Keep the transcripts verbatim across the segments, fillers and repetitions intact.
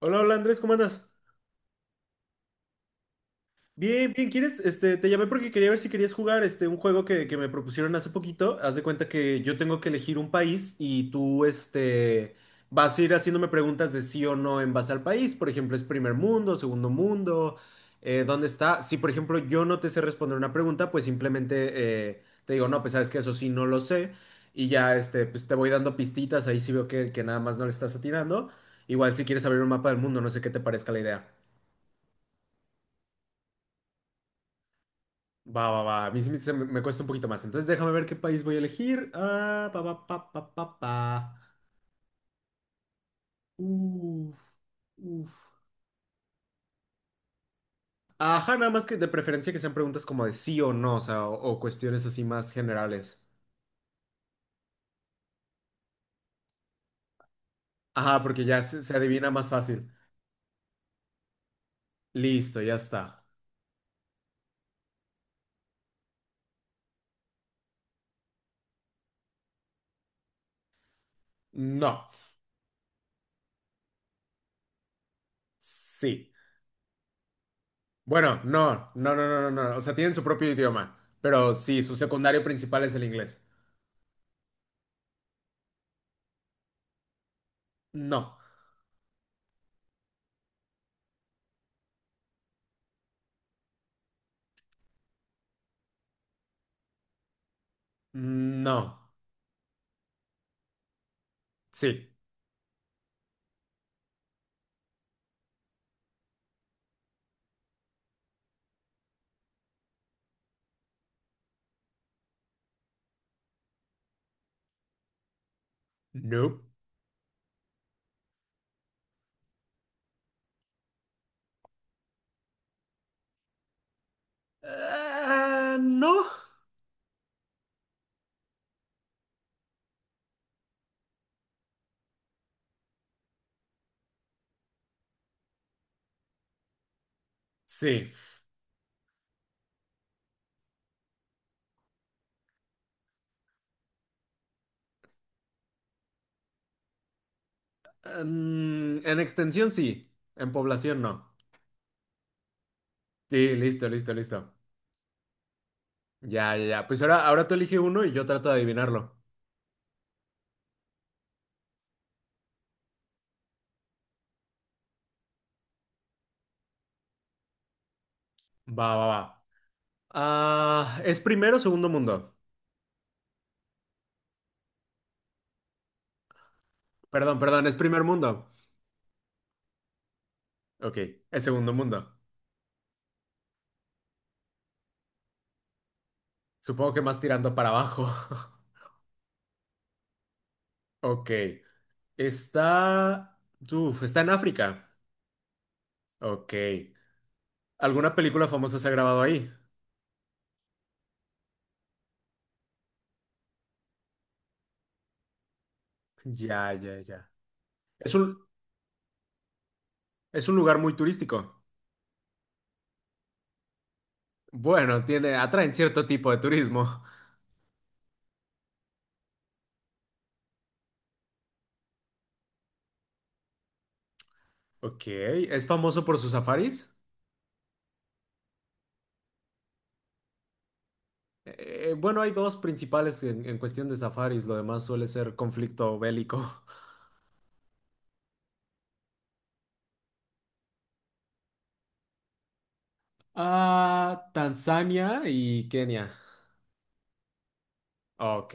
Hola, hola Andrés, ¿cómo andas? Bien, bien, ¿quieres? Este, te llamé porque quería ver si querías jugar este, un juego que, que me propusieron hace poquito. Haz de cuenta que yo tengo que elegir un país y tú este, vas a ir haciéndome preguntas de sí o no en base al país. Por ejemplo, ¿es primer mundo, segundo mundo? Eh, ¿dónde está? Si, por ejemplo, yo no te sé responder una pregunta, pues simplemente eh, te digo, no, pues sabes que eso sí no lo sé. Y ya este, pues, te voy dando pistitas, ahí sí veo que, que nada más no le estás atinando. Igual si quieres abrir un mapa del mundo, no sé qué te parezca la idea. Va, va, va. A mí sí me, se me- me cuesta un poquito más. Entonces déjame ver qué país voy a elegir. Ah, pa, pa, pa, pa, pa, pa. Uf, uf. Ajá, nada más que de preferencia que sean preguntas como de sí o no, o sea, o, o cuestiones así más generales. Ajá, porque ya se, se adivina más fácil. Listo, ya está. No. Sí. Bueno, no, no, no, no, no, no. O sea, tienen su propio idioma. Pero sí, su secundario principal es el inglés. No. No. Sí. Nope. Ah, no. Sí. Mm, en extensión sí, en población no. Sí, listo, listo, listo. Ya, ya, ya. Pues ahora, ahora tú elige uno y yo trato de adivinarlo. Va, va, va. Ah, ¿es primero o segundo mundo? Perdón, perdón, es primer mundo. Ok, es segundo mundo. Supongo que más tirando para abajo. Ok. Está... Uf, está en África. Ok. ¿Alguna película famosa se ha grabado ahí? Ya, ya, ya. Es un, es un lugar muy turístico. Bueno, tiene, atraen cierto tipo de turismo. Ok, ¿es famoso por sus safaris? Eh, bueno, hay dos principales en, en cuestión de safaris, lo demás suele ser conflicto bélico. Ah, Tanzania y Kenia. Ok,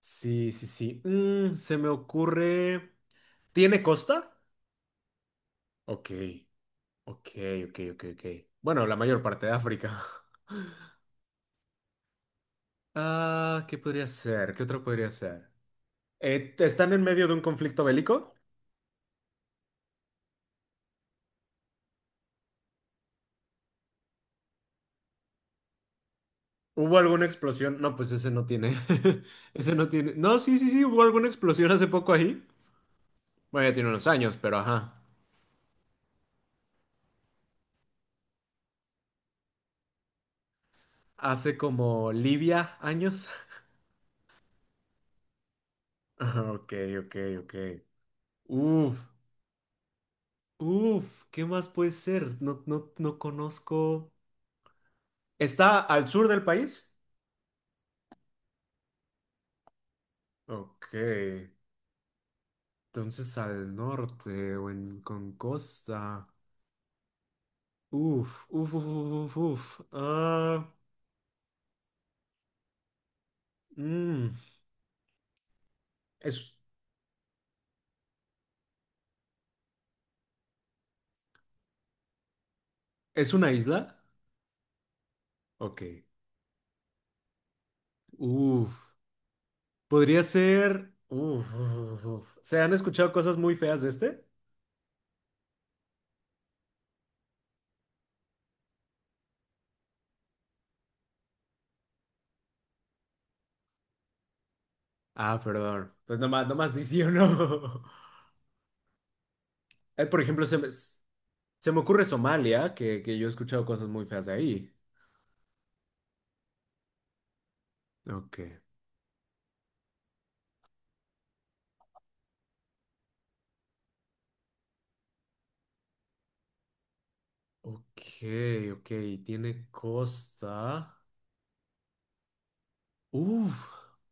sí, sí, sí. Mm, se me ocurre... ¿Tiene costa? Ok, ok, ok, ok, ok. Bueno, la mayor parte de África. Ah, ¿qué podría ser? ¿Qué otro podría ser? Eh, ¿están en medio de un conflicto bélico? ¿Hubo alguna explosión? No, pues ese no tiene. Ese no tiene. No, sí, sí, sí, hubo alguna explosión hace poco ahí. Bueno, ya tiene unos años, pero ajá. Hace como Libia años. Ajá, ok, ok, ok. Uf, uf, ¿qué más puede ser? No, no, no conozco. ¿Está al sur del país? Ok. Entonces al norte o en con costa. Uf, uf, uf, uf, uf, uf. Ah, mm. ¿Es, ¿es una isla? Ok. Uf, podría ser. Uf, uf, uf. ¿Se han escuchado cosas muy feas de este? Ah, perdón. Pues nomás, nomás di sí o no. Eh, por ejemplo, se me, se me ocurre Somalia, que, que yo he escuchado cosas muy feas de ahí. Ok. Ok, ok. Tiene costa. Uf.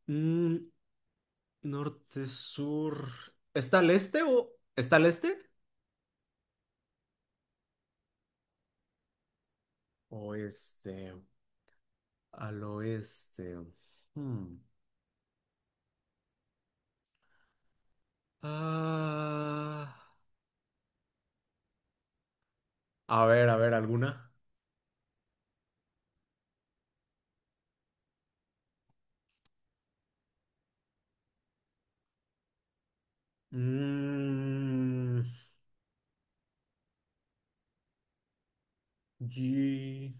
Mm, norte, sur. ¿Está al este o ¿está al este? Oeste. Al oeste. Hmm. Ah, a ver, a ver, ¿alguna? Mm, y-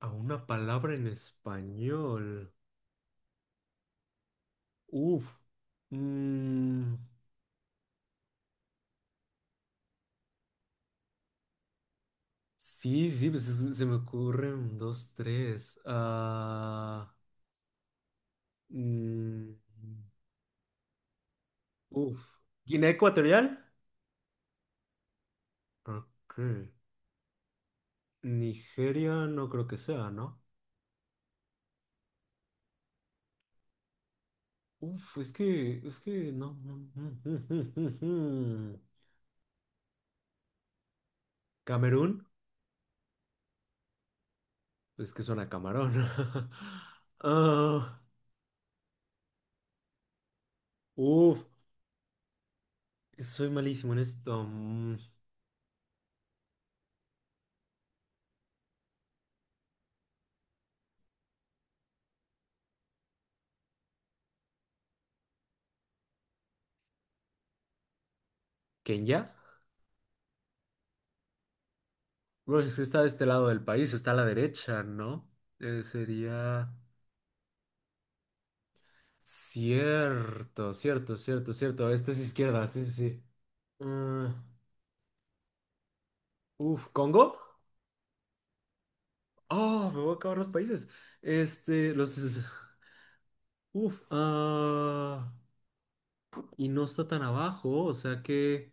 A una palabra en español. Uf. Mm, sí, sí, pues es- se me ocurren dos, tres. Ah, mm, uf. ¿Guinea Ecuatorial? Ok. Nigeria no creo que sea, ¿no? Uf, es que, es que no. Camerún, es que suena a camarón. Ah, uf, soy malísimo en esto. Mm, ¿Kenia? Bueno, es que está de este lado del país, está a la derecha, ¿no? Eh, sería... Cierto, cierto, cierto, cierto. Esta es izquierda, sí, sí, sí. Ah, uf, ¿Congo? Oh, me voy a acabar los países. Este, los... es- Uf, ah... Y no está tan abajo, o sea que...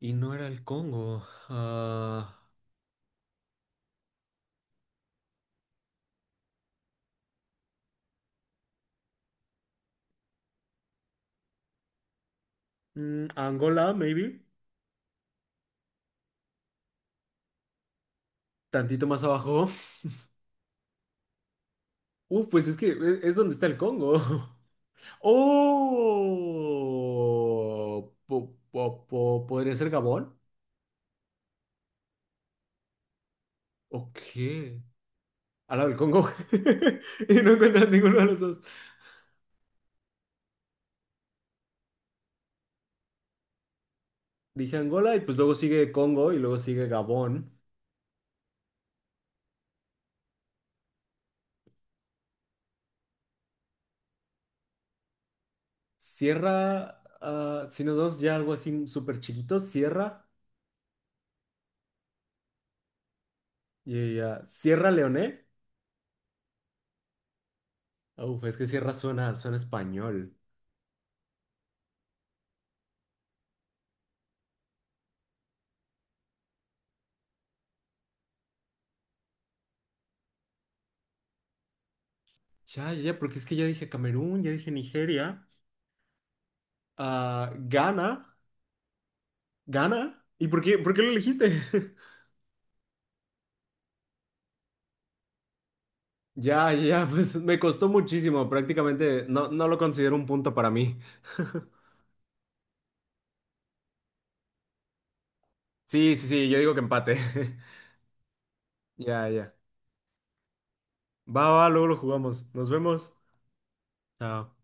Y no era el Congo. Ah, mm, Angola, maybe. Tantito más abajo. Uf, pues es que e- es donde está el Congo. Oh, po- po- po- ¿podría ser Gabón? ¿Ok? Al lado del Congo. Y no encuentras ninguno de los dos. Dije Angola y pues luego sigue Congo y luego sigue Gabón. Sierra, ah, si nos dos ya algo así súper chiquito, Sierra y ah, Sierra Leone. Uf, es que Sierra suena, suena español. Ya, ya, ya, porque es que ya dije Camerún, ya dije Nigeria, ah, Ghana. ¿Gana? ¿Y por qué, por qué lo elegiste? Ya, ya, pues me costó muchísimo, prácticamente no, no lo considero un punto para mí. Sí, sí, sí, yo digo que empate. Ya, ya. Va, va, luego lo jugamos. Nos vemos. Chao.